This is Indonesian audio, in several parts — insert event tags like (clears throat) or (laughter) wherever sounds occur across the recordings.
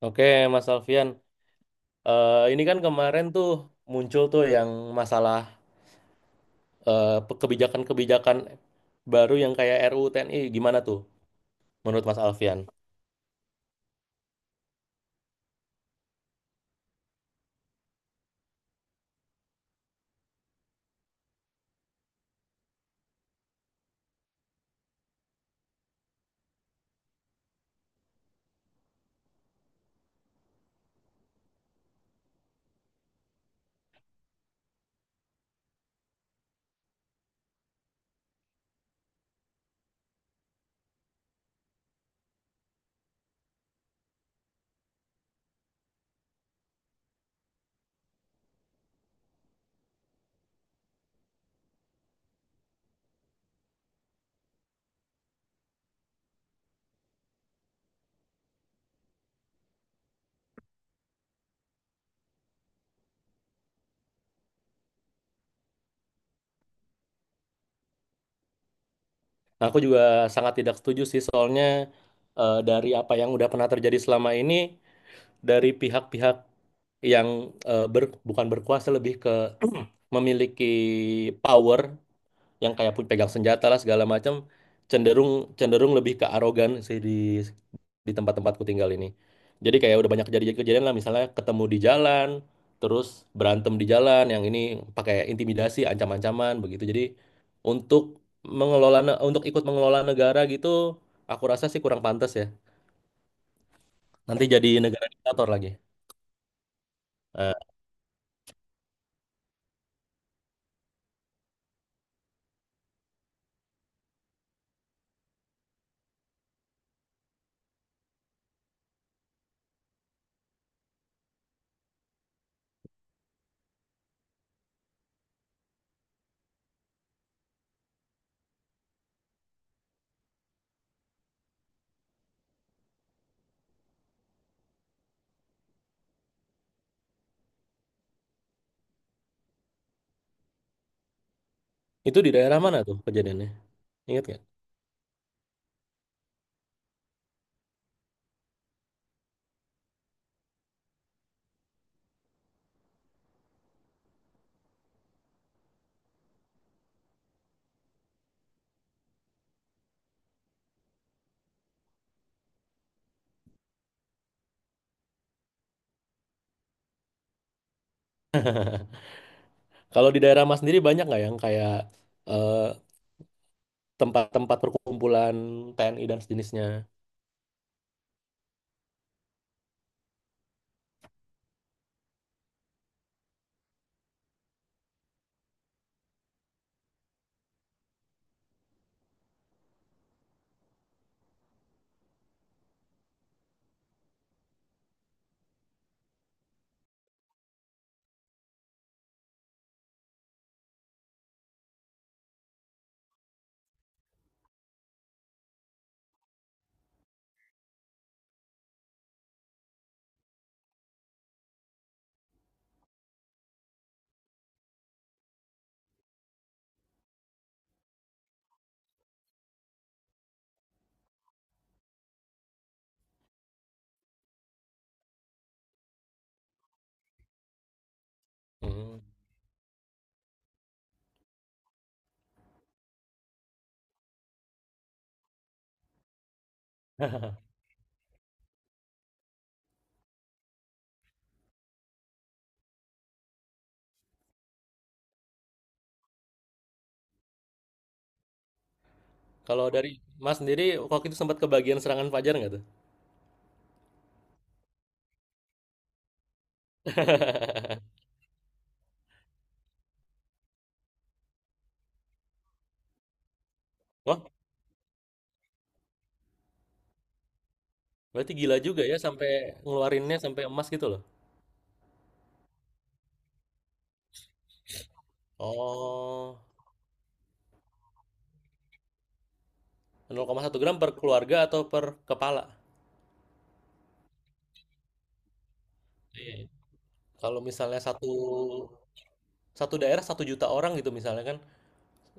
Oke, Mas Alfian. Ini kan kemarin tuh muncul tuh yang masalah kebijakan-kebijakan baru yang kayak RUU TNI. Gimana tuh menurut Mas Alfian? Nah, aku juga sangat tidak setuju sih soalnya dari apa yang udah pernah terjadi selama ini dari pihak-pihak yang bukan berkuasa lebih ke (clears throat) memiliki power yang kayak pun pegang senjata lah segala macam cenderung cenderung lebih ke arogan sih di tempat-tempatku tinggal ini. Jadi kayak udah banyak kejadian-kejadian lah misalnya ketemu di jalan, terus berantem di jalan, yang ini pakai intimidasi, ancam-ancaman begitu. Jadi untuk untuk ikut mengelola negara gitu, aku rasa sih kurang pantas ya. Nanti jadi negara diktator lagi. Nah, itu di daerah mana tuh kejadiannya? Ingat nggak? Kalau di daerah Mas sendiri banyak nggak yang kayak eh, tempat-tempat perkumpulan TNI dan sejenisnya. Hmm. (laughs) Kalau dari Mas sendiri waktu itu sempat kebagian serangan fajar nggak tuh? (laughs) Wah, berarti gila juga ya sampai ngeluarinnya sampai emas gitu loh. Oh, 0,1 gram per keluarga atau per kepala? Iya. Kalau misalnya satu satu daerah satu juta orang gitu misalnya kan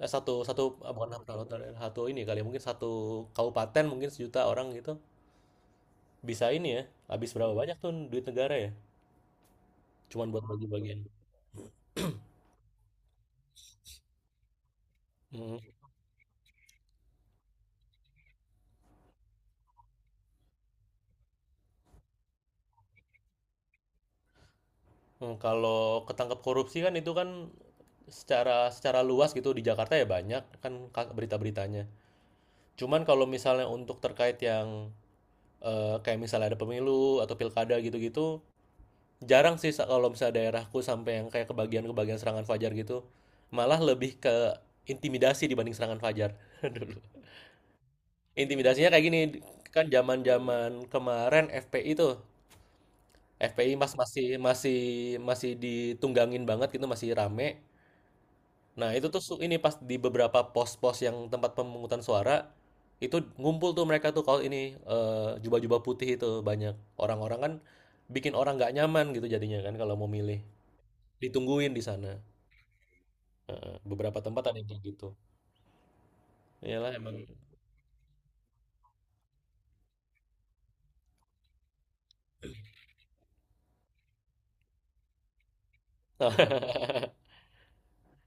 satu satu ah, bukan satu daerah, satu ini kali ya, mungkin satu kabupaten mungkin sejuta orang gitu bisa ini ya habis berapa banyak tuh duit negara ya cuman buat bagi-bagian. Mm. Kalau ketangkep korupsi kan itu kan secara secara luas gitu di Jakarta ya banyak kan berita-beritanya. Cuman kalau misalnya untuk terkait yang kayak misalnya ada pemilu atau pilkada gitu-gitu, jarang sih kalau misalnya daerahku sampai yang kayak kebagian-kebagian serangan fajar gitu. Malah lebih ke intimidasi dibanding serangan fajar (laughs) dulu. Intimidasinya kayak gini, kan zaman-zaman kemarin FPI tuh, FPI mas masih masih masih ditunggangin banget gitu, masih rame. Nah, itu tuh ini pas di beberapa pos-pos yang tempat pemungutan suara itu ngumpul tuh mereka tuh kalau ini jubah-jubah putih itu banyak orang-orang kan bikin orang nggak nyaman gitu jadinya kan kalau mau milih ditungguin di sana. Heeh, beberapa tempat ada yang kayak gitu. Iyalah emang. (laughs)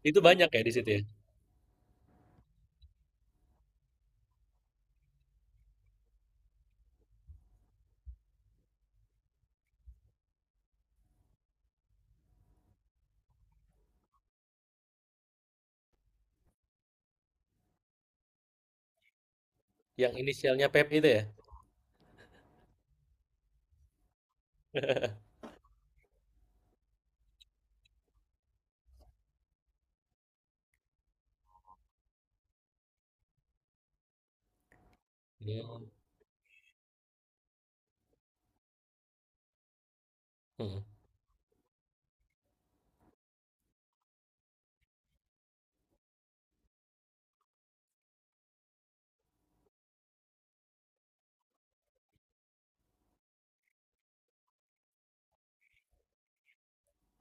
Itu banyak ya di situ ya. Yang inisialnya Pep itu ya. Iya. Heeh.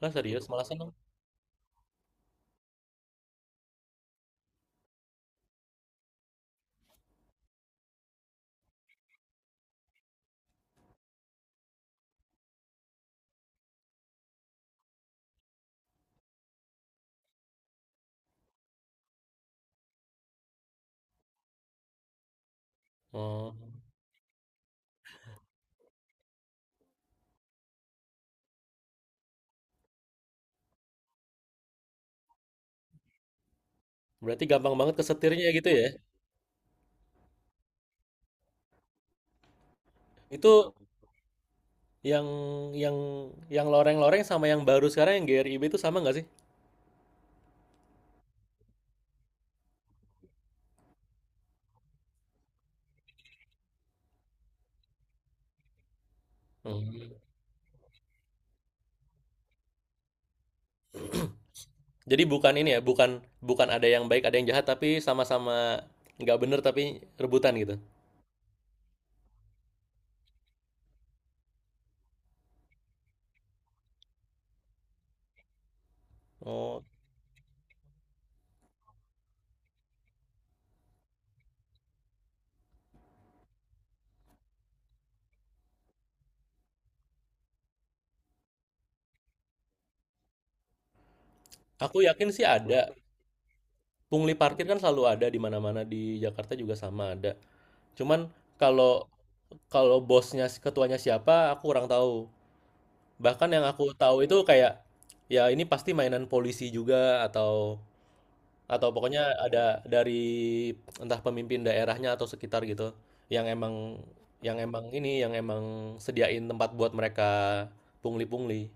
Ah, serius malasan dong. Oh, berarti gampang banget kesetirnya gitu ya. Itu yang yang yang loreng-loreng sama yang baru sekarang yang GRIB itu sama nggak sih? Hmm. Jadi bukan ini ya, bukan bukan ada yang baik, ada yang jahat, tapi sama-sama nggak bener tapi rebutan gitu. Oh, aku yakin sih ada. Pungli parkir kan selalu ada di mana-mana di Jakarta juga sama ada. Cuman kalau kalau bosnya ketuanya siapa, aku kurang tahu. Bahkan yang aku tahu itu kayak ya ini pasti mainan polisi juga atau Atau pokoknya ada dari entah pemimpin daerahnya atau sekitar gitu, yang emang yang emang ini, yang emang sediain tempat buat mereka pungli-pungli.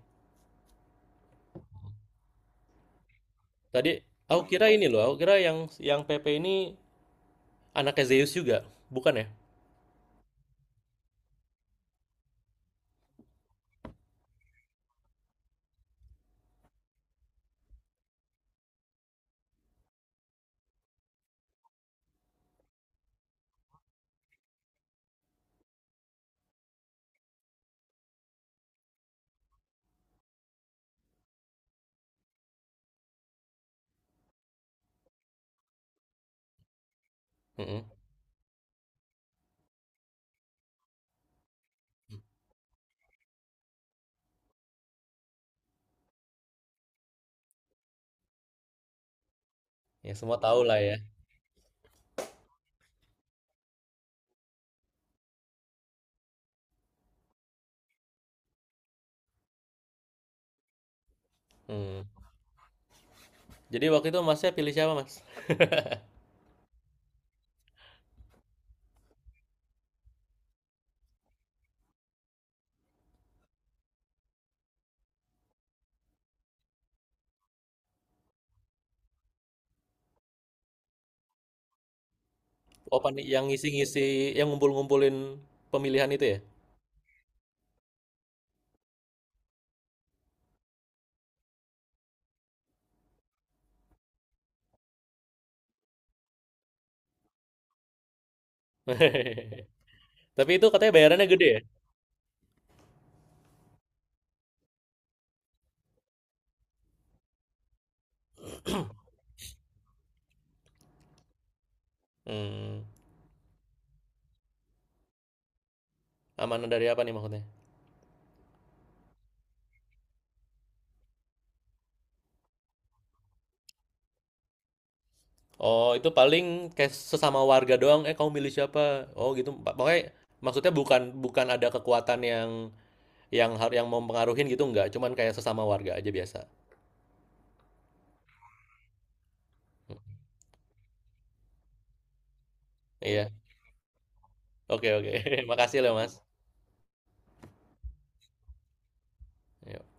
Tadi aku kira ini loh, aku kira yang PP ini anaknya Zeus juga, bukan ya? Mm-mm. Ya semua tahu lah ya. Hmm. Jadi waktu itu masnya pilih siapa mas? Oh yang ngisi-ngisi, yang ngumpul-ngumpulin pemilihan itu ya? (laughs) Tapi itu katanya bayarannya gede ya? Hmm. Amanah dari apa nih maksudnya? Oh, itu paling kayak sesama warga doang, eh kamu milih siapa? Oh gitu. Pokoknya maksudnya bukan bukan ada kekuatan yang yang mau mempengaruhin gitu enggak, cuman kayak sesama warga aja biasa. Hmm, Iya. Oke, oke. (laughs) Makasih loh, Mas. Iya.